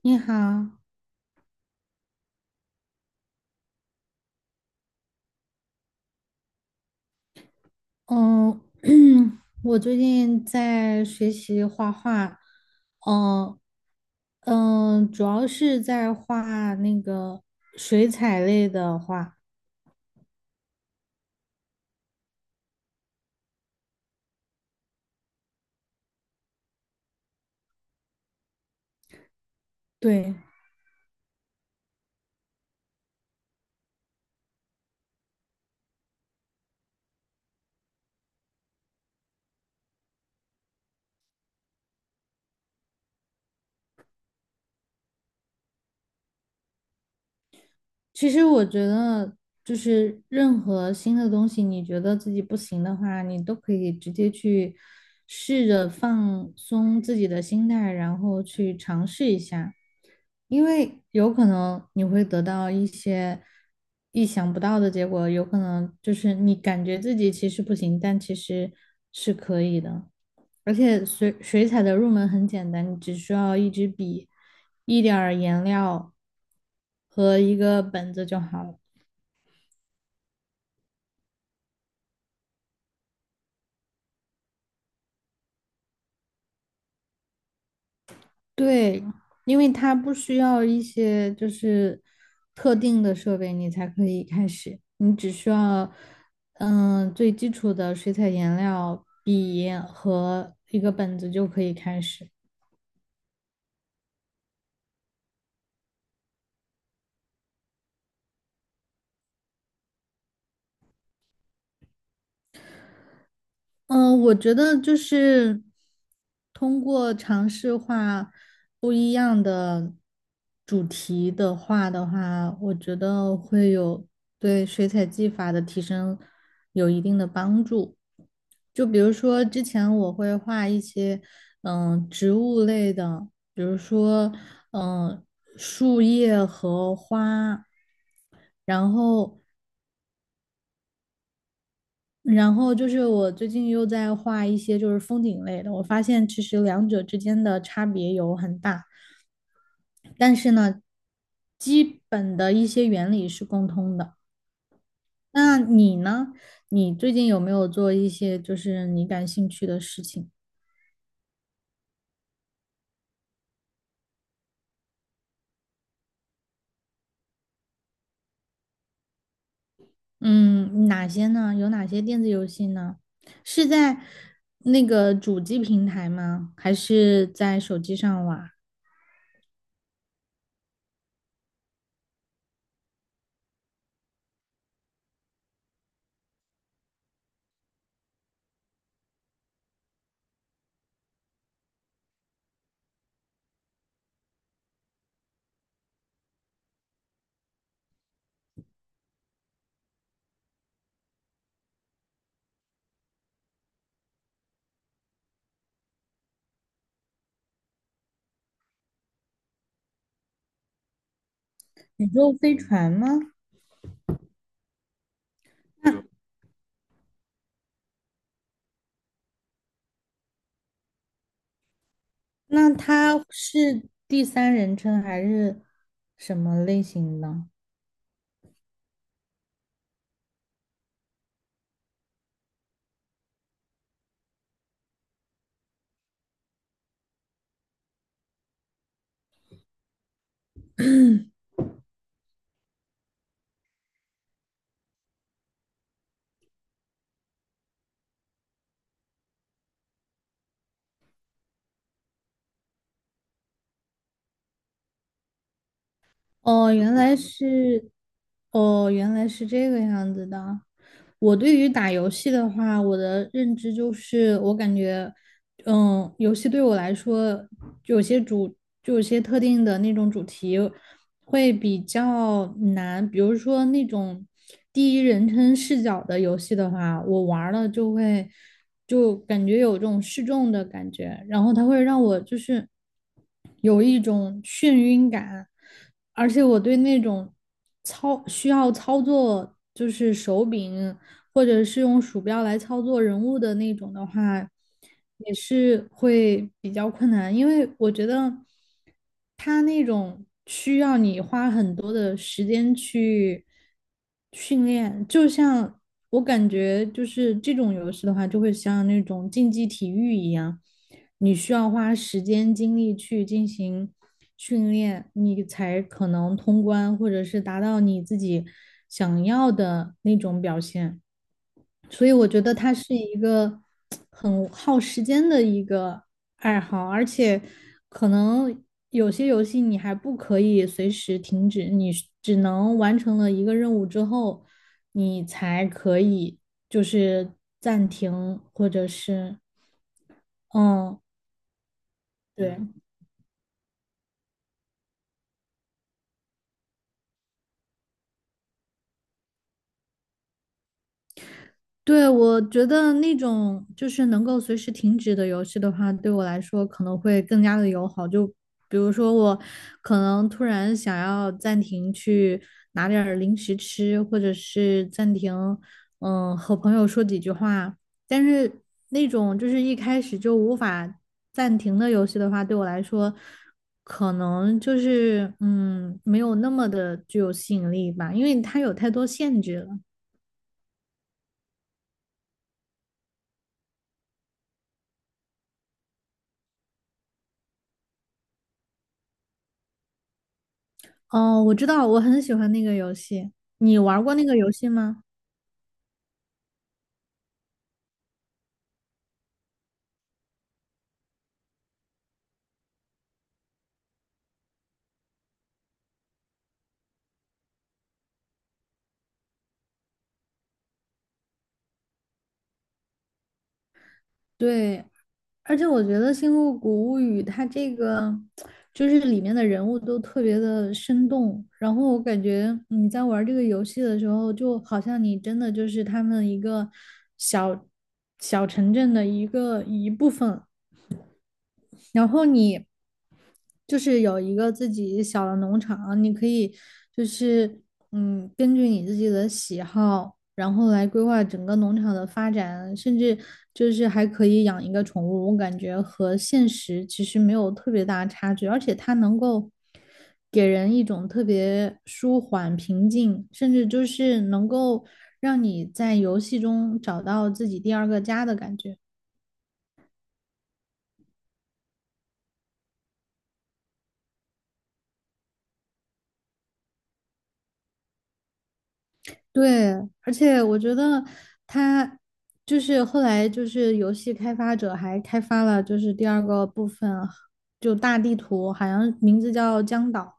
你好，嗯，我最近在学习画画，嗯主要是在画那个水彩类的画，对。其实我觉得，就是任何新的东西，你觉得自己不行的话，你都可以直接去试着放松自己的心态，然后去尝试一下，因为有可能你会得到一些意想不到的结果，有可能就是你感觉自己其实不行，但其实是可以的。而且水彩的入门很简单，你只需要一支笔、一点儿颜料和一个本子就好了。对，因为它不需要一些就是特定的设备，你才可以开始。你只需要，最基础的水彩颜料、笔和一个本子就可以开始。嗯，我觉得就是通过尝试画不一样的主题的画的话，我觉得会有对水彩技法的提升有一定的帮助。就比如说之前我会画一些植物类的，比如说嗯树叶和花，然后然后就是我最近又在画一些就是风景类的，我发现其实两者之间的差别有很大，但是呢，基本的一些原理是共通的。那你呢？你最近有没有做一些就是你感兴趣的事情？嗯，哪些呢？有哪些电子游戏呢？是在那个主机平台吗？还是在手机上玩？宇宙飞船吗？那他是第三人称还是什么类型的？哦，原来是，哦，原来是这个样子的。我对于打游戏的话，我的认知就是，我感觉，游戏对我来说，有些主，就有些特定的那种主题，会比较难，比如说那种第一人称视角的游戏的话，我玩儿了就感觉有这种失重的感觉，然后它会让我就是有一种眩晕感，而且我对那种需要操作就是手柄或者是用鼠标来操作人物的那种的话，也是会比较困难，因为我觉得它那种需要你花很多的时间去训练，就像我感觉就是这种游戏的话，就会像那种竞技体育一样，你需要花时间精力去进行。训练，你才可能通关，或者是达到你自己想要的那种表现。所以我觉得它是一个很耗时间的一个爱好，而且可能有些游戏你还不可以随时停止，你只能完成了一个任务之后，你才可以就是暂停或者是嗯，对，对。我觉得那种就是能够随时停止的游戏的话，对我来说可能会更加的友好。就比如说我可能突然想要暂停去拿点儿零食吃，或者是暂停，和朋友说几句话。但是那种就是一开始就无法暂停的游戏的话，对我来说可能就是没有那么的具有吸引力吧，因为它有太多限制了。哦，我知道，我很喜欢那个游戏。你玩过那个游戏吗？对，而且我觉得《星露谷物语》它这个就是里面的人物都特别的生动，然后我感觉你在玩这个游戏的时候，就好像你真的就是他们一个小小城镇的一部分，然后你。就是有一个自己小的农场，你可以就是根据你自己的喜好，然后来规划整个农场的发展，甚至就是还可以养一个宠物，我感觉和现实其实没有特别大的差距，而且它能够给人一种特别舒缓、平静，甚至就是能够让你在游戏中找到自己第二个家的感觉。对，而且我觉得他就是后来就是游戏开发者还开发了就是第二个部分，就大地图，好像名字叫江岛，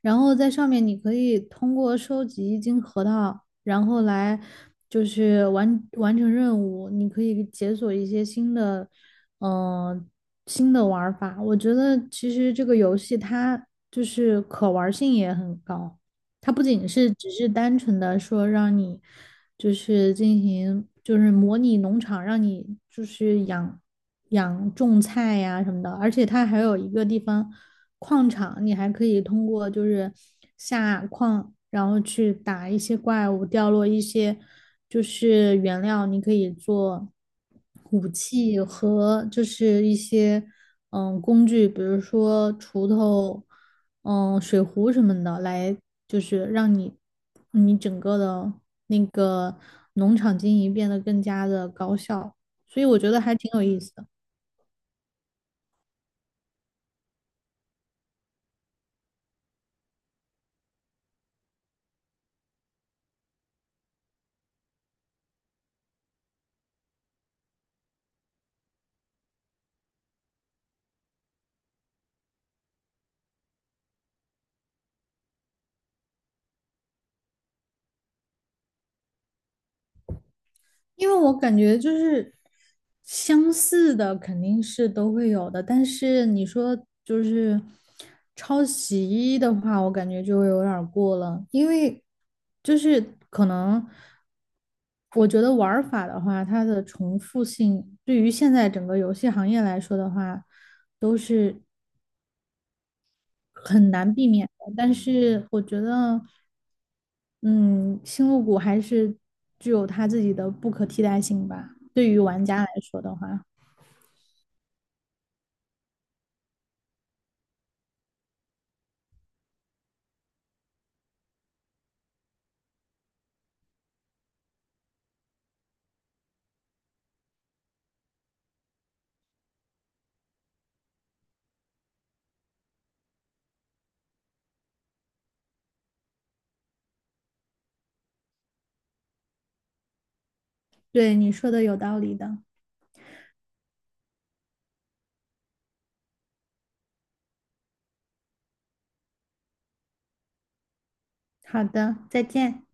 然后在上面你可以通过收集金核桃，然后来就是完成任务，你可以解锁一些新的，嗯、新的玩法。我觉得其实这个游戏它就是可玩性也很高。它不仅是只是单纯的说让你就是进行就是模拟农场，让你就是养种菜呀什么的，而且它还有一个地方矿场，你还可以通过就是下矿，然后去打一些怪物，掉落一些就是原料，你可以做。武器和就是一些工具，比如说锄头、水壶什么的，来就是让你整个的那个农场经营变得更加的高效，所以我觉得还挺有意思的。因为我感觉就是相似的肯定是都会有的，但是你说就是抄袭的话，我感觉就有点儿过了，因为就是可能我觉得玩儿法的话，它的重复性对于现在整个游戏行业来说的话，都是很难避免的。但是我觉得，嗯，星露谷还是具有它自己的不可替代性吧。对于玩家来说的话，对你说的有道理的。好的，再见。